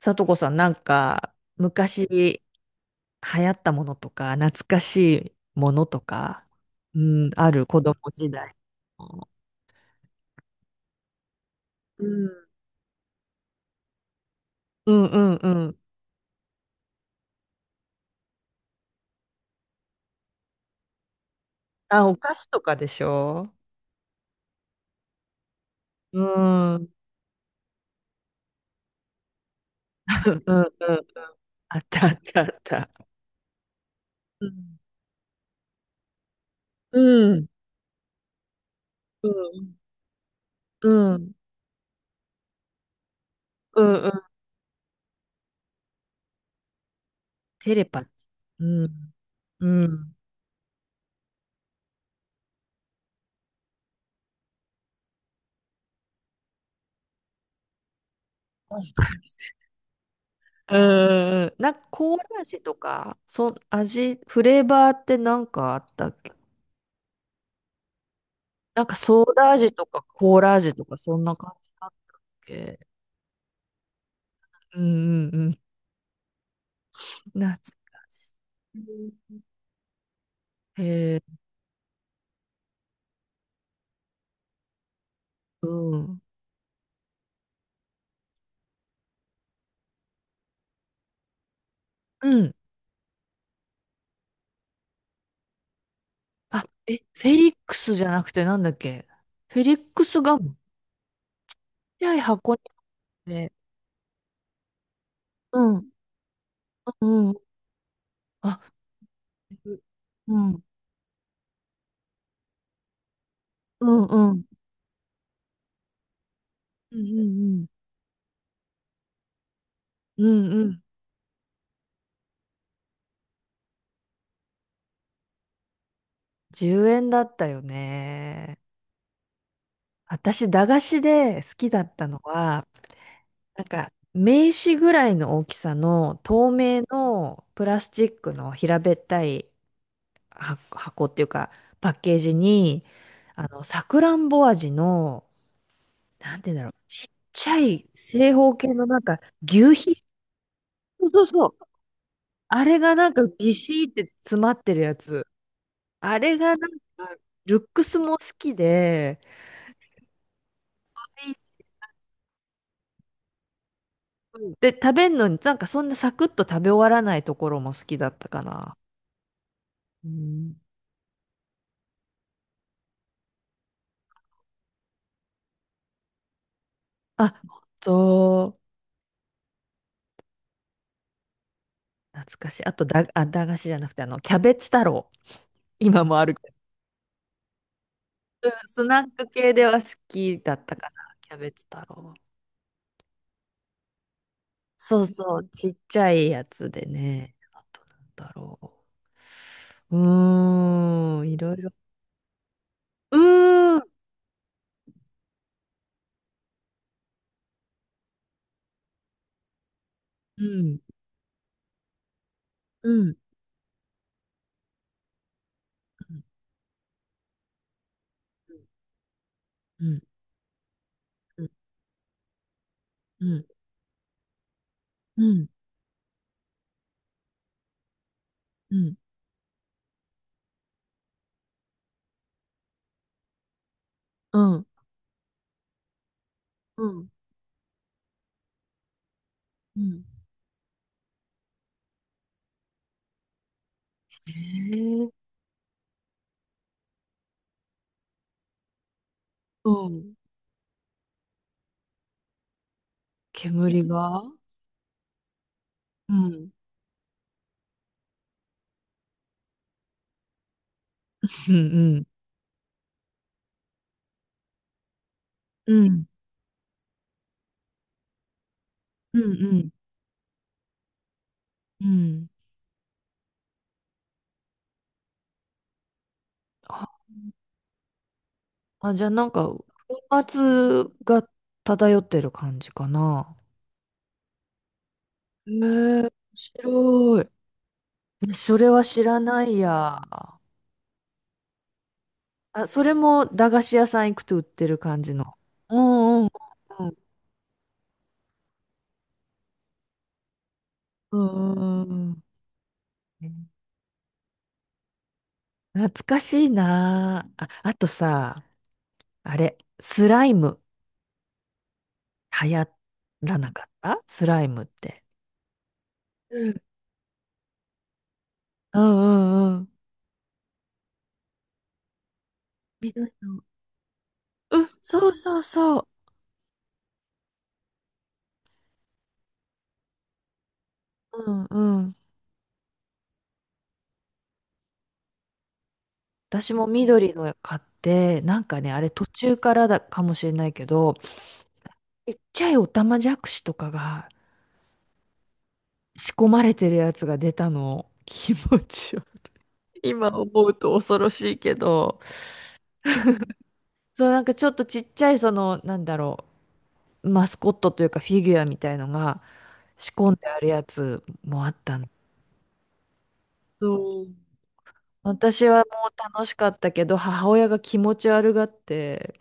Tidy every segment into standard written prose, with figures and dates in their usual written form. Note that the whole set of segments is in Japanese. さとこさん、昔流行ったものとか、懐かしいものとか、うん、ある子供時代の。うん。うんうんうん。あ、お菓子とかでしょうん。うんうんうん。あったあったあった。うん。うん。うんうん。うんうん。テレパチ。うん。うん。うんうんうん。コーラ味とか、味、フレーバーってなんかあったっけ。なんかソーダ味とかコーラ味とかそんな感じだっけ。うんうんうん。懐かしい。へえ、うん。うん。あ、え、フェリックスじゃなくてなんだっけ。フェリックスガム。ちっちゃい箱にあって。うん、うん、うん。あ、うん、うん、うん。うん、うん、うん。うん、うん。10円だったよね。私、駄菓子で好きだったのは、名刺ぐらいの大きさの透明のプラスチックの平べったいは箱っていうか、パッケージに、あの、さくらんぼ味の、なんて言うんだろう、ちっちゃい正方形の牛皮、そうそうそう。あれがなんかビシーって詰まってるやつ。あれがか、ルックスも好きで、で、食べんのになんかそんなサクッと食べ終わらないところも好きだったかな。うん、あ、本当、懐かしい。あとだ、あ、駄菓子じゃなくて、あの、キャベツ太郎。今もあるけど。うん、スナック系では好きだったかな、キャベツ太郎。そうそう、ちっちゃいやつでね。あと、なんだろう。うーん、いろいろ。うーん、うん、うん、うん、うん、うん、うん、うん、うん、うん、うん。うん、えー、うん。煙が、うん、うん、うん、うん、うん、うん、うん。あ、あ、じゃあなんか、粉末が漂ってる感じかな。へえ、面白い。えそれは知らないや。あ、それも駄菓子屋さん行くと売ってる感じの。うんうんうんうんうん、懐かしいなあ。あ、あとさ、あれ、スライム流行らなかったスライムって。うんうんうんうん。緑の、うん、そうそうそう。うんうん。私も緑の買って、なんかね、あれ途中からだかもしれないけど、ちっちゃいオタマジャクシとかが仕込まれてるやつが出たの。気持ちよ。今思うと恐ろしいけど。そう、なんかちょっとちっちゃいその、なんだろう、マスコットというかフィギュアみたいのが仕込んであるやつもあったの。そう。私はもう楽しかったけど、母親が気持ち悪がって、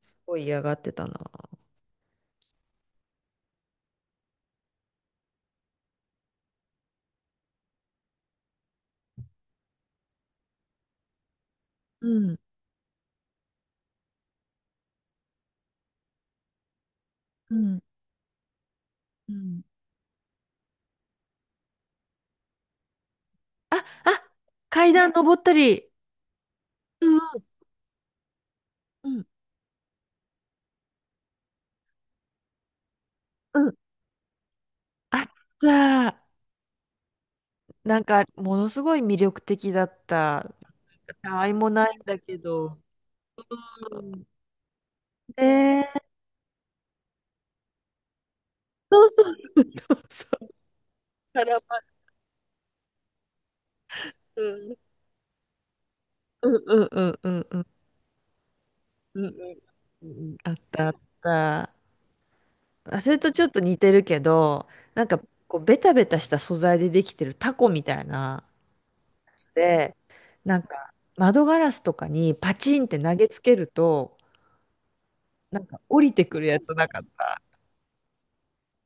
すごい嫌がってたな。うん、うん、うん。あ、あ、階段登ったり。うんうんうんうん。あった。なんか、ものすごい魅力的だった。たわいもないんだけど。うん。ねえ。そうそうそうそうそう。絡まる。うんうんうんうんうんうんうんうんうん。あったあった。あ、それとちょっと似てるけど、なんか、こう、ベタベタした素材でできてるタコみたいなやつで、なんか、窓ガラスとかにパチンって投げつけると、なんか降りてくるやつなかった。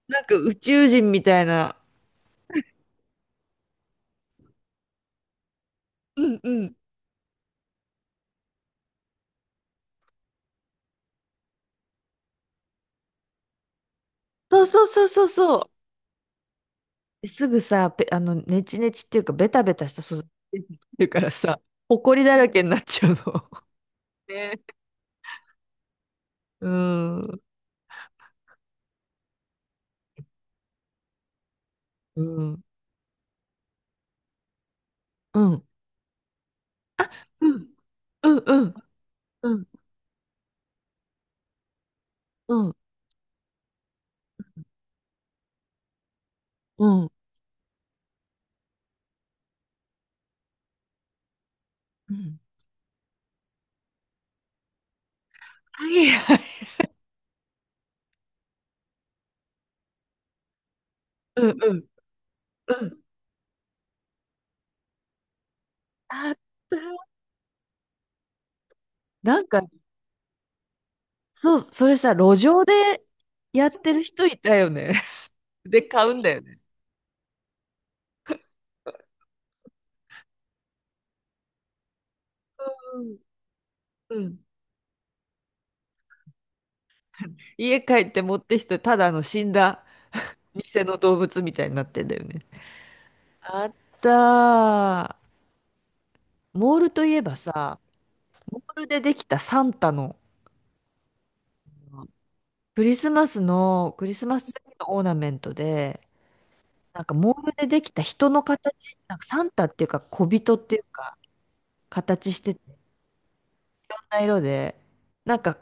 なんか宇宙人みたいな。うんうん。そうそうそうそうそう。ですぐさ、ペあの、ネチネチっていうか、ベタベタした素材っていうからさ、ほこりだらけになっちゃうの。ね。うん。うん。うん。うん。うん。うん。うん。うん。うんうんはいはい。うんうん。うん。あった。なんか、そう、それさ、路上でやってる人いたよね。で、買うんだよね。うん。うん。家帰って持ってきて、ただあの死んだ偽の動物みたいになってんだよね。あったー。モールといえばさ、モールでできたサンタの、クリスマスの、クリスマスツリーのオーナメントで、なんかモールでできた人の形、なんかサンタっていうか小人っていうか、形してて、いろんな色で、なんか、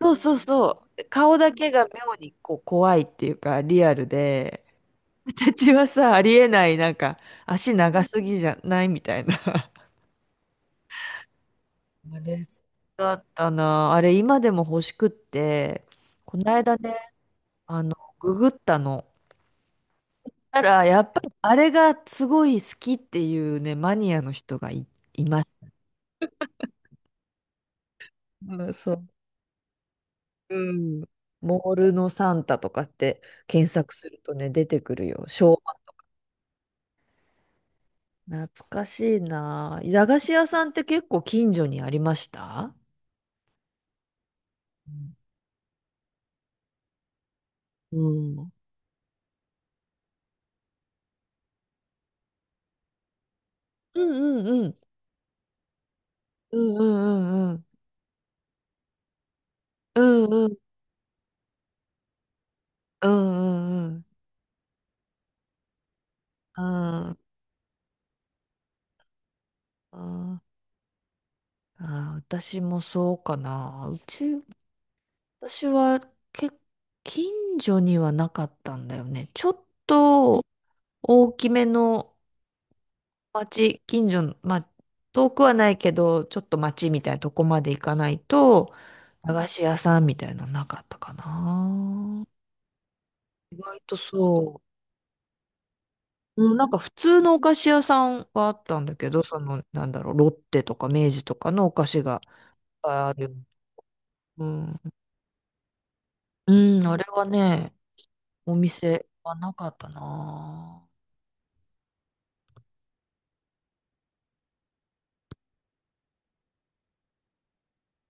そうそうそう、顔だけが妙にこう怖いっていうか、リアルで、私はさ、ありえない、なんか、足長すぎじゃないみたいな。あれ、だったな。あれ、今でも欲しくって、この間ね、あの、ググったの。たら、やっぱり、あれがすごい好きっていうね、マニアの人がい、いました。うんそう。うん。モールのサンタとかって検索するとね、出てくるよ。昭和。懐かしいな。駄菓子屋さんって結構近所にありました？うん。うんうんうん。うんうんうんうん。うんうんうんうんうん。あー、あー、あー私もそうかな。うち、私は結近所にはなかったんだよね。ちょっと大きめの町、近所の、まあ、遠くはないけど、ちょっと町みたいなとこまで行かないと、駄菓子屋さんみたいなのなかったかな。意外とそう。うん、なんか普通のお菓子屋さんはあったんだけど、その、なんだろう、ロッテとか明治とかのお菓子がいっぱいある。うん、うん、あれはね、お店はなかったなぁ。